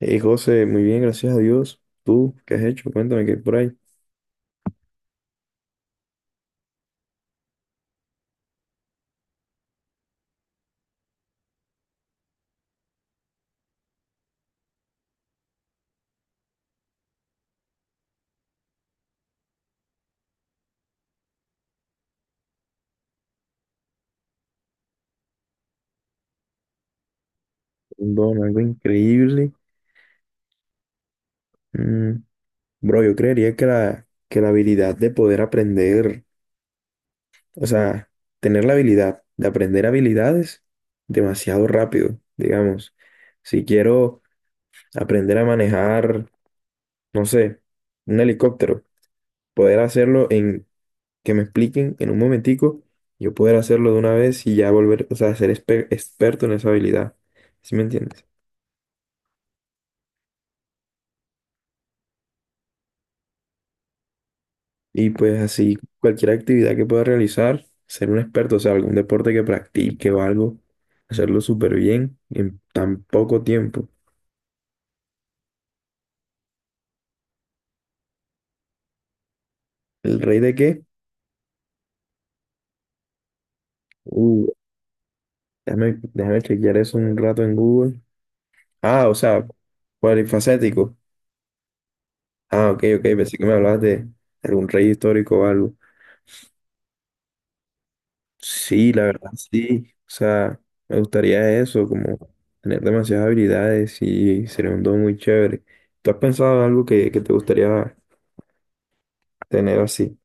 Hey José, muy bien, gracias a Dios. ¿Tú qué has hecho? Cuéntame qué hay por ahí. Un don, algo increíble. Mm, bro, yo creería que la habilidad de poder aprender, o sea, tener la habilidad de aprender habilidades demasiado rápido, digamos. Si quiero aprender a manejar, no sé, un helicóptero, poder hacerlo en, que me expliquen en un momentico, yo poder hacerlo de una vez y ya volver, o sea, ser experto en esa habilidad. ¿Sí me entiendes? Y pues así, cualquier actividad que pueda realizar, ser un experto, o sea, algún deporte que practique o algo, hacerlo súper bien en tan poco tiempo. ¿El rey de qué? Uh, déjame chequear eso un rato en Google. Ah, o sea, polifacético. Ah, ok, ok, pensé que me hablabas de algún rey histórico o algo. Sí, la verdad, sí. O sea, me gustaría eso, como tener demasiadas habilidades y sería un don muy chévere. ¿Tú has pensado en algo que te gustaría tener así?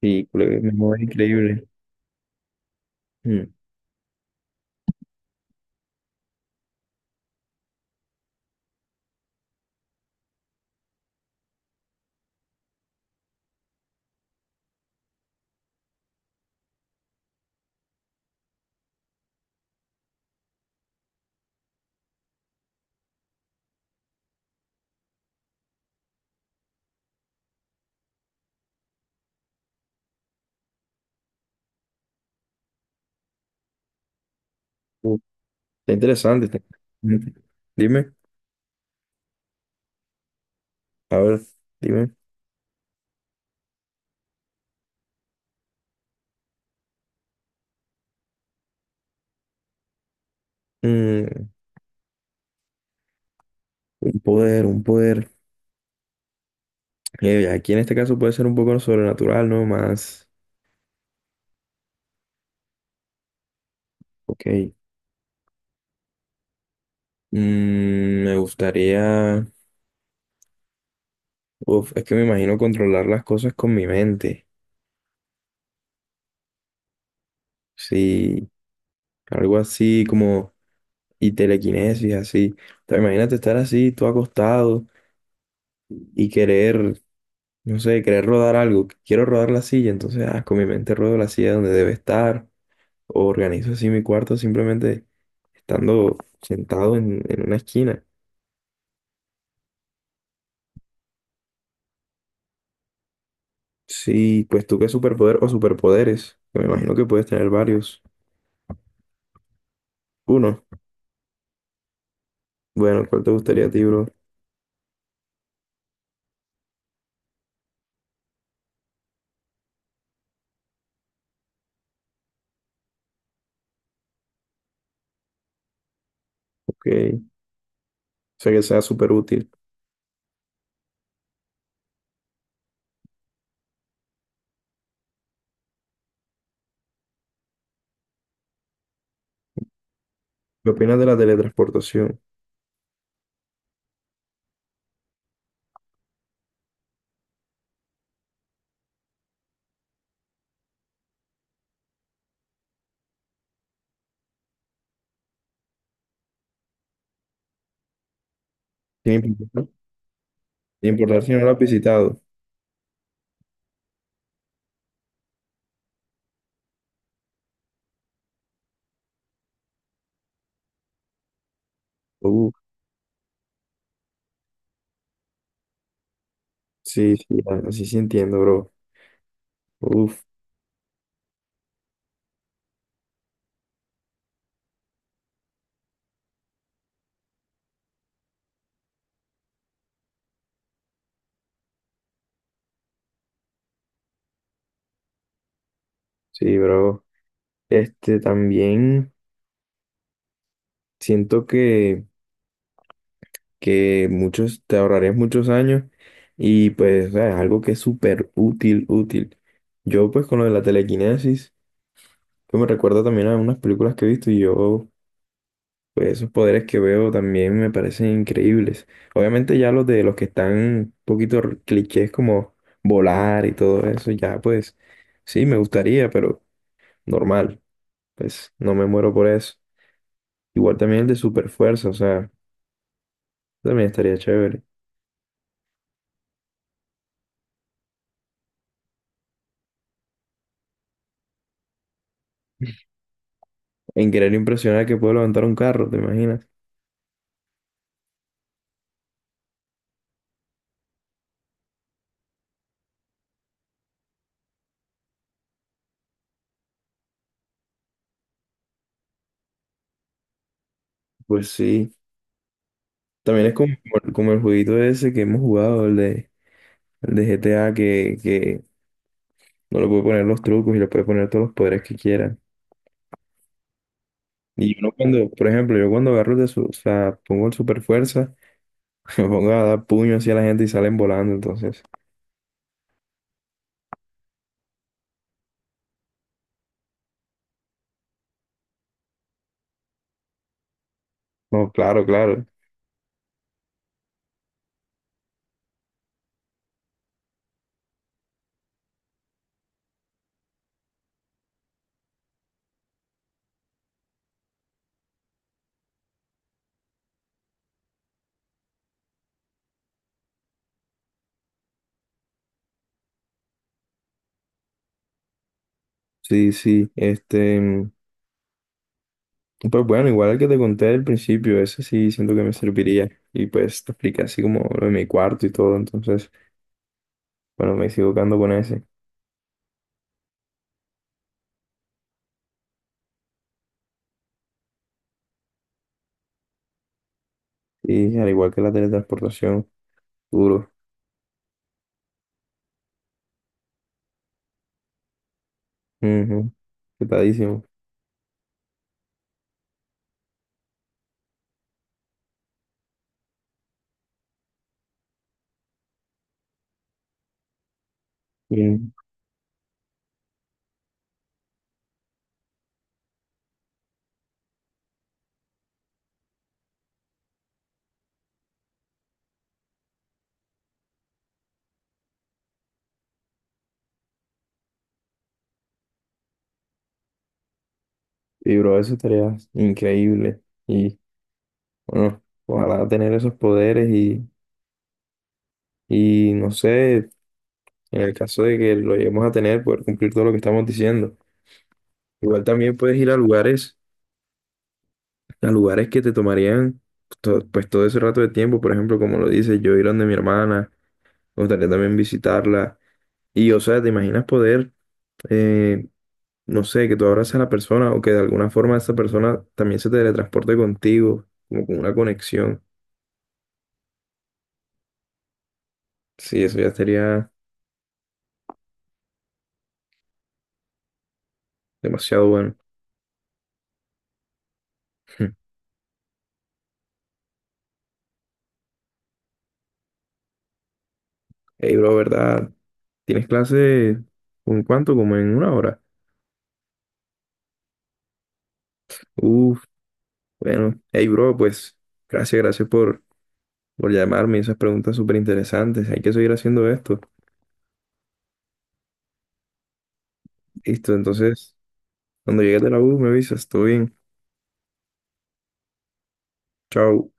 Y colega, mi amor, es increíble. Mm. Uh, está interesante, está interesante. Dime, a ver, dime. Mm, un poder. Aquí en este caso puede ser un poco sobrenatural, ¿no? Más. Ok. Mm, me gustaría. Uf, es que me imagino controlar las cosas con mi mente. Sí, algo así como. Y telequinesis, así. O sea, imagínate estar así, tú acostado y querer, no sé, querer rodar algo, que quiero rodar la silla, entonces ah, con mi mente ruedo la silla donde debe estar, o organizo así mi cuarto simplemente estando sentado en una esquina. Sí, pues tú qué superpoder o superpoderes, que me imagino que puedes tener varios. Uno, bueno, ¿cuál te gustaría a ti, bro? Ok, o sea que sea súper útil. ¿Qué opinas de la teletransportación? Sin importar, sin importar si no la has visitado. Uf, sí, sí, así sí entiendo, bro. Uf, sí, bro. Este también. Siento que muchos, te ahorrarías muchos años y pues o sea, es algo que es súper útil, útil. Yo pues con lo de la telequinesis, que me recuerda también a unas películas que he visto y yo, pues esos poderes que veo también me parecen increíbles. Obviamente ya los de los que están un poquito clichés como volar y todo eso, ya pues sí, me gustaría, pero normal, pues no me muero por eso. Igual también el de super fuerza, o sea, también estaría chévere. En querer impresionar que puedo levantar un carro, ¿te imaginas? Pues sí. También es como, como el jueguito ese que hemos jugado, el de GTA, que no le puede poner los trucos y le puede poner todos los poderes que quiera. Y yo no cuando, por ejemplo, yo cuando agarro de su, o sea, pongo el super fuerza, me pongo a dar puños así a la gente y salen volando, entonces. No, claro, claro. Sí, sí. Este, mm, pues bueno, igual el que te conté al principio, ese sí siento que me serviría. Y pues te expliqué así como lo de mi cuarto y todo, entonces. Bueno, me sigo quedando con ese. Y al igual que la teletransportación, duro. Ujú. Petadísimo. Y, bro, eso estaría increíble. Y bueno, ojalá tener esos poderes y no sé, en el caso de que lo lleguemos a tener, poder cumplir todo lo que estamos diciendo. Igual también puedes ir a lugares que te tomarían pues todo ese rato de tiempo. Por ejemplo, como lo dices, yo ir donde mi hermana, me gustaría también visitarla. Y o sea, ¿te imaginas poder? eh, no sé, que tú abraces a la persona o que de alguna forma esa persona también se teletransporte contigo, como con una conexión. Sí, eso ya sería demasiado bueno. Ey, bro, ¿verdad? ¿Tienes clase con cuánto? Como en una hora. Uf, bueno. Hey, bro, pues gracias por por llamarme. Y esas preguntas súper interesantes. Hay que seguir haciendo esto. Listo, entonces, cuando llegues de la U, me avisas. Todo bien. Chao.